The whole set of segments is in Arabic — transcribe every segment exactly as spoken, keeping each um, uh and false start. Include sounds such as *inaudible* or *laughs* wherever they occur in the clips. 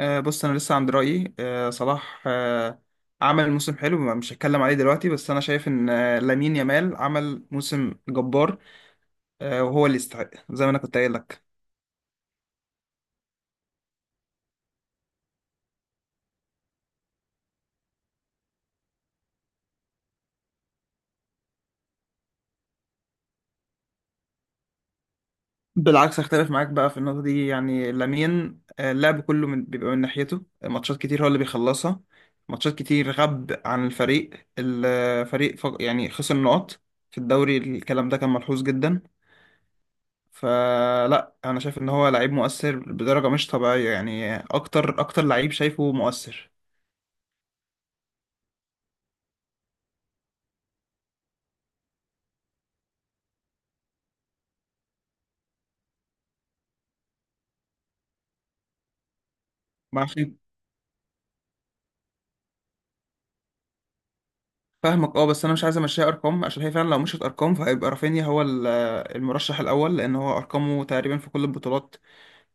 آه، بص، انا لسه عند رايي. آه، صلاح آه، عمل موسم حلو، مش هتكلم عليه دلوقتي، بس انا شايف ان آه، لامين يامال عمل موسم جبار آه، وهو اللي يستحق زي ما انا كنت قايل لك. بالعكس، اختلف معاك بقى في النقطه دي. يعني لامين آه، اللعب كله من بيبقى من ناحيته. آه، ماتشات كتير هو اللي بيخلصها، ماتشات كتير غاب عن الفريق. الفريق ف- يعني خسر نقط في الدوري، الكلام ده كان ملحوظ جدا. فلا، انا شايف ان هو لعيب مؤثر بدرجه مش طبيعيه. يعني اكتر اكتر لعيب شايفه مؤثر. ما عشان. فاهمك، اه، بس انا مش عايز امشيها ارقام، عشان هي فعلا لو مشيت ارقام فهيبقى رافينيا هو ال- المرشح الاول، لان هو ارقامه تقريبا في كل البطولات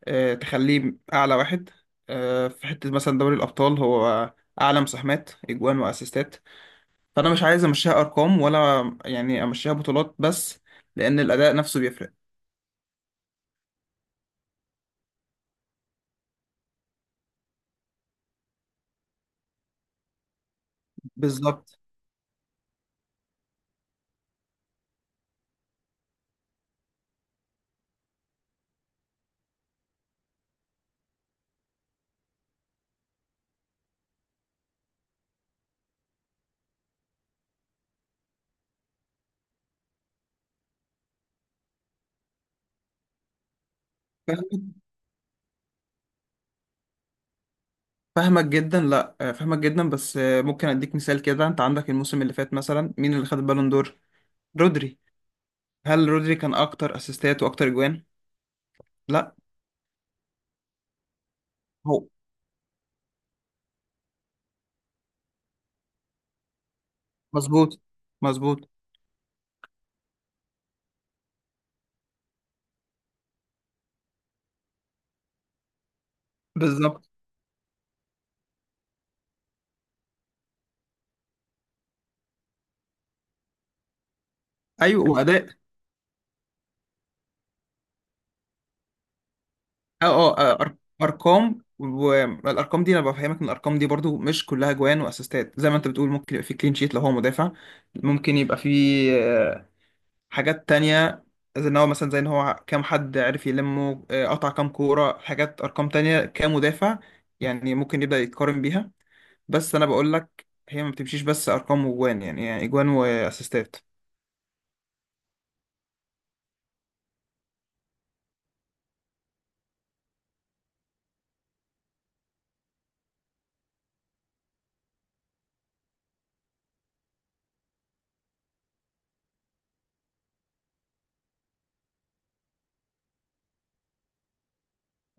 آه، تخليه اعلى واحد. آه، في حته مثلا دوري الابطال هو اعلى مساهمات اجوان واسيستات. فانا مش عايز امشيها ارقام ولا يعني امشيها بطولات بس، لان الاداء نفسه بيفرق. بالظبط. فاهمك جدا. لا، آه، فاهمك جدا بس. آه، ممكن اديك مثال كده. انت عندك الموسم اللي فات مثلا، مين اللي خد البالون دور؟ رودري. هل رودري كان اكتر اسيستات واكتر اجوان؟ لا، هو. مظبوط، مظبوط. بالظبط. ايوه، واداء. اه، اه، آه، أر- ارقام. والارقام دي انا بفهمك ان الارقام دي برضو مش كلها جوان واسيستات زي ما انت بتقول، ممكن يبقى في كلين شيت لو هو مدافع، ممكن يبقى في حاجات تانية. زي ان هو مثلا زي ان هو كام حد عرف يلمه، آه، قطع كام كورة، حاجات ارقام تانية كمدافع يعني ممكن يبدأ يتقارن بيها. بس انا بقول لك هي ما بتمشيش بس ارقام واجوان. يعني يعني اجوان واسيستات.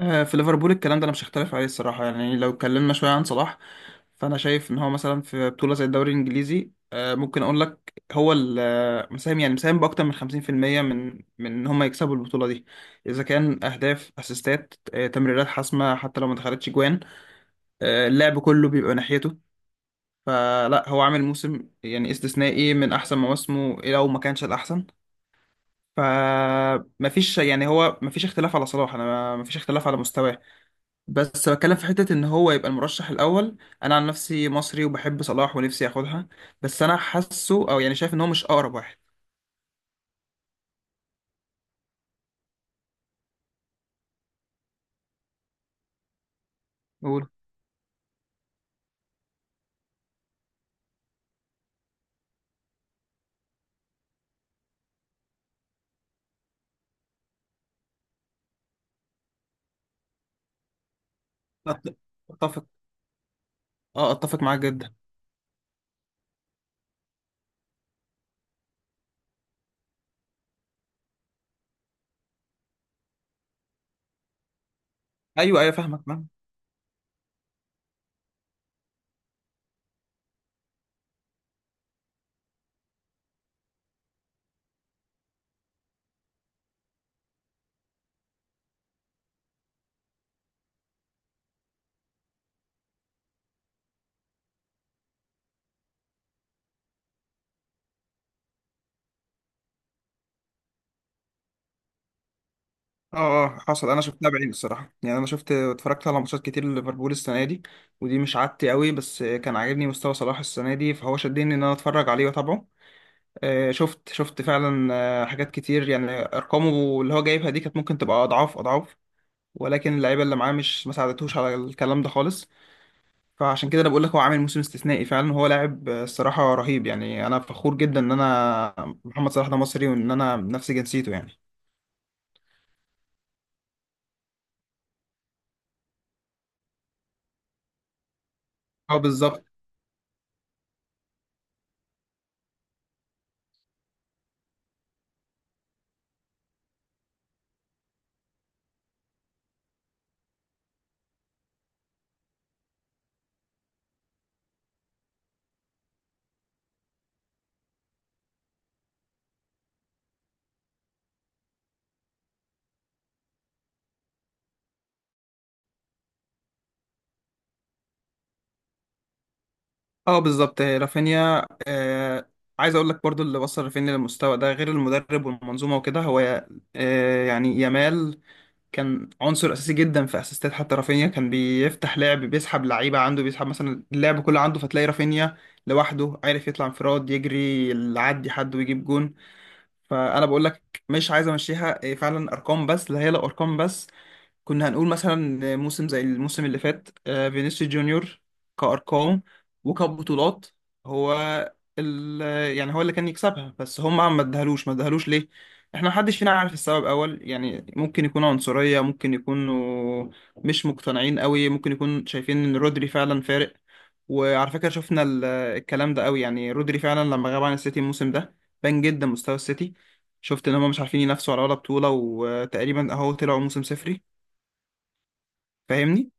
آه، في ليفربول الكلام ده انا مش هختلف عليه الصراحه. يعني لو اتكلمنا شويه عن صلاح، فانا شايف ان هو مثلا في بطوله زي الدوري الانجليزي آه، ممكن اقول لك هو ال- آه، مساهم، يعني مساهم باكتر من خمسين في المية من من ان هم يكسبوا البطوله دي، اذا كان اهداف، اسيستات، آه، تمريرات حاسمه حتى لو ما دخلتش جوان. آه، اللعب كله بيبقى ناحيته. فلا، هو عامل موسم يعني استثنائي، من احسن مواسمه لو ما كانش الاحسن. فمفيش، يعني هو مفيش اختلاف على صلاح، انا مفيش اختلاف على مستواه. بس بتكلم في حتة إن هو يبقى المرشح الأول. أنا عن نفسي مصري وبحب صلاح ونفسي ياخدها، بس أنا حاسه، أو يعني شايف، إن هو مش أقرب واحد. قول. أت- أتفق. أه، أتفق معاك جدا. أيوه، أيوه، فاهمك، فاهم. أه، أه، حصل. أنا شفتها بعيني الصراحة. يعني أنا شفت اتفرجت على ماتشات كتير لليفربول السنة دي، ودي مش عادتي قوي، بس كان عاجبني مستوى صلاح السنة دي فهو شدني إن أنا أتفرج عليه وأتابعه. آه، شفت شفت فعلا آه، حاجات كتير. يعني أرقامه اللي هو جايبها دي كانت ممكن تبقى أضعاف أضعاف، ولكن اللعيبه اللي معاه مش ما ساعدتهوش على الكلام ده خالص. فعشان كده انا بقول لك هو عامل موسم استثنائي فعلا. هو لاعب آه، الصراحه رهيب. يعني انا فخور جدا ان انا محمد صلاح ده مصري وان انا نفس جنسيته يعني. اه، بالظبط. اه، بالظبط. آه، رافينيا. آه عايز اقول لك برضو، اللي وصل رافينيا للمستوى ده غير المدرب والمنظومه وكده، هو آه يعني يامال كان عنصر اساسي جدا في اسيستات. حتى رافينيا كان بيفتح لعب، بيسحب لعيبه عنده، بيسحب مثلا اللعب كله عنده، فتلاقي رافينيا لوحده عارف يطلع انفراد، يجري، يعدي حد ويجيب جون. فانا بقول لك مش عايز امشيها إيه، فعلا ارقام بس. لا، هي لا ارقام بس. كنا هنقول مثلا موسم زي الموسم اللي فات آه، فينيسيوس جونيور، كأرقام وكبطولات، هو ال يعني هو اللي كان يكسبها، بس هم ما ادهلوش، ما ادهلوش ليه؟ احنا محدش فينا عارف السبب اول، يعني ممكن يكون عنصرية، ممكن يكونوا مش مقتنعين قوي، ممكن يكون شايفين ان رودري فعلا فارق. وعلى فكرة شفنا ال- الكلام ده قوي، يعني رودري فعلا لما غاب عن السيتي الموسم ده بان جدا مستوى السيتي. شفت ان هم مش عارفين ينافسوا على ولا بطولة، وتقريبا اهو طلعوا موسم صفري. فاهمني.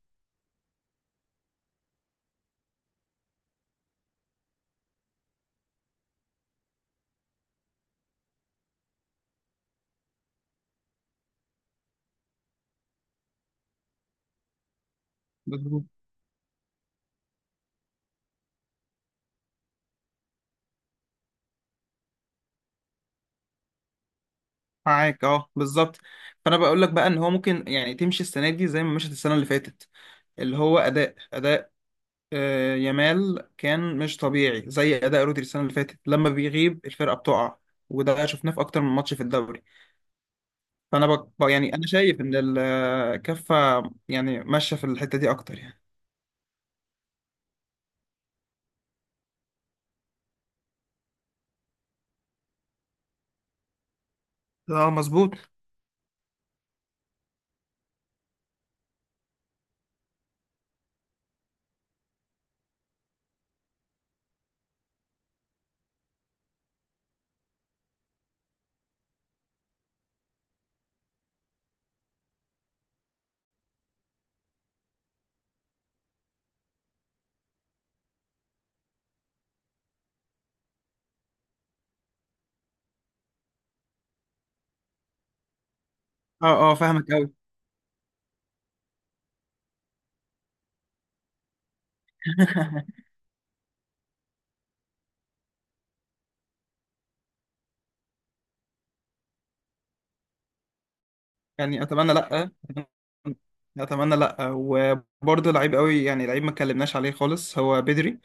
بالظبط. معاك، اه، بالظبط. فانا بقول لك بقى ان هو ممكن يعني تمشي السنه دي زي ما مشت السنه اللي فاتت، اللي هو اداء اداء آه، يامال كان مش طبيعي، زي اداء رودري السنه اللي فاتت لما بيغيب الفرقه بتقع. وده شفناه في اكتر من ماتش في الدوري. فانا بق... بق- يعني انا شايف ان الكفه يعني ماشيه في الحته دي اكتر يعني. اه، مظبوط. اه، اه، فاهمك قوي. *laughs* يعني اتمنى لا، اتمنى لا. وبرضه لعيب قوي، يعني لعيب ما اتكلمناش عليه خالص، هو بدري.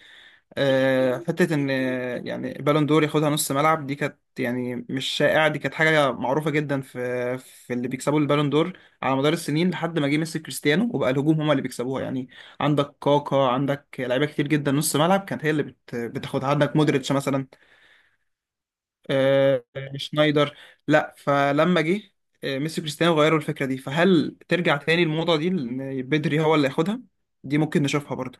أه، حته ان آه، يعني بالون دور ياخدها نص ملعب، دي كانت يعني مش شائعه، دي كانت حاجه معروفه جدا في في اللي بيكسبوا البالون دور على مدار السنين، لحد ما جه ميسي كريستيانو وبقى الهجوم هما اللي بيكسبوها يعني. عندك كاكا، عندك لعيبه كتير جدا نص ملعب كانت هي اللي بت... بتاخدها. عندك مودريتش مثلا، آه، شنايدر. لا، فلما جه آه، ميسي كريستيانو غيروا الفكرة دي. فهل ترجع تاني الموضة دي إن بدري هو اللي ياخدها؟ دي ممكن نشوفها برضه.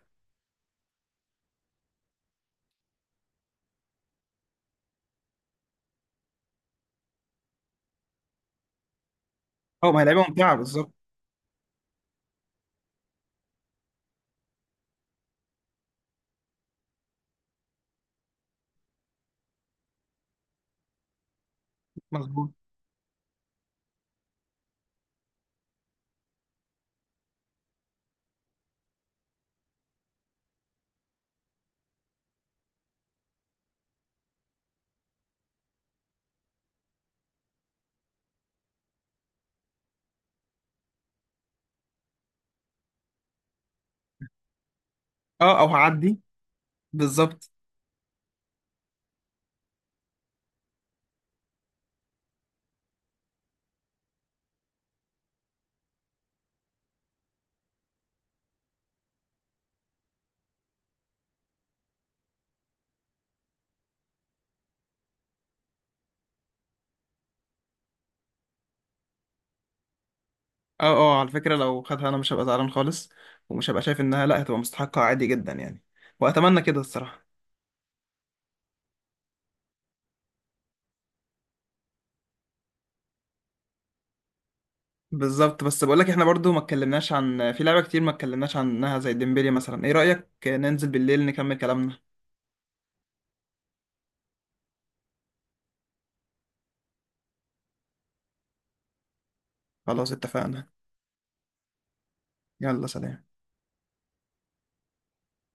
اه، ما هي لعيبة ممتعة. بالظبط. مظبوط. اه، او هعدي. بالظبط. اه، اه، على فكرة لو خدها انا مش هبقى زعلان خالص، ومش هبقى شايف انها لا هتبقى مستحقة، عادي جدا يعني. واتمنى كده الصراحة. بالظبط. بس بقول لك احنا برضو ما اتكلمناش عن في لعبة كتير ما اتكلمناش عنها، زي ديمبلي مثلا. ايه رأيك ننزل بالليل نكمل كلامنا؟ خلاص، اتفقنا. يلا، سلام.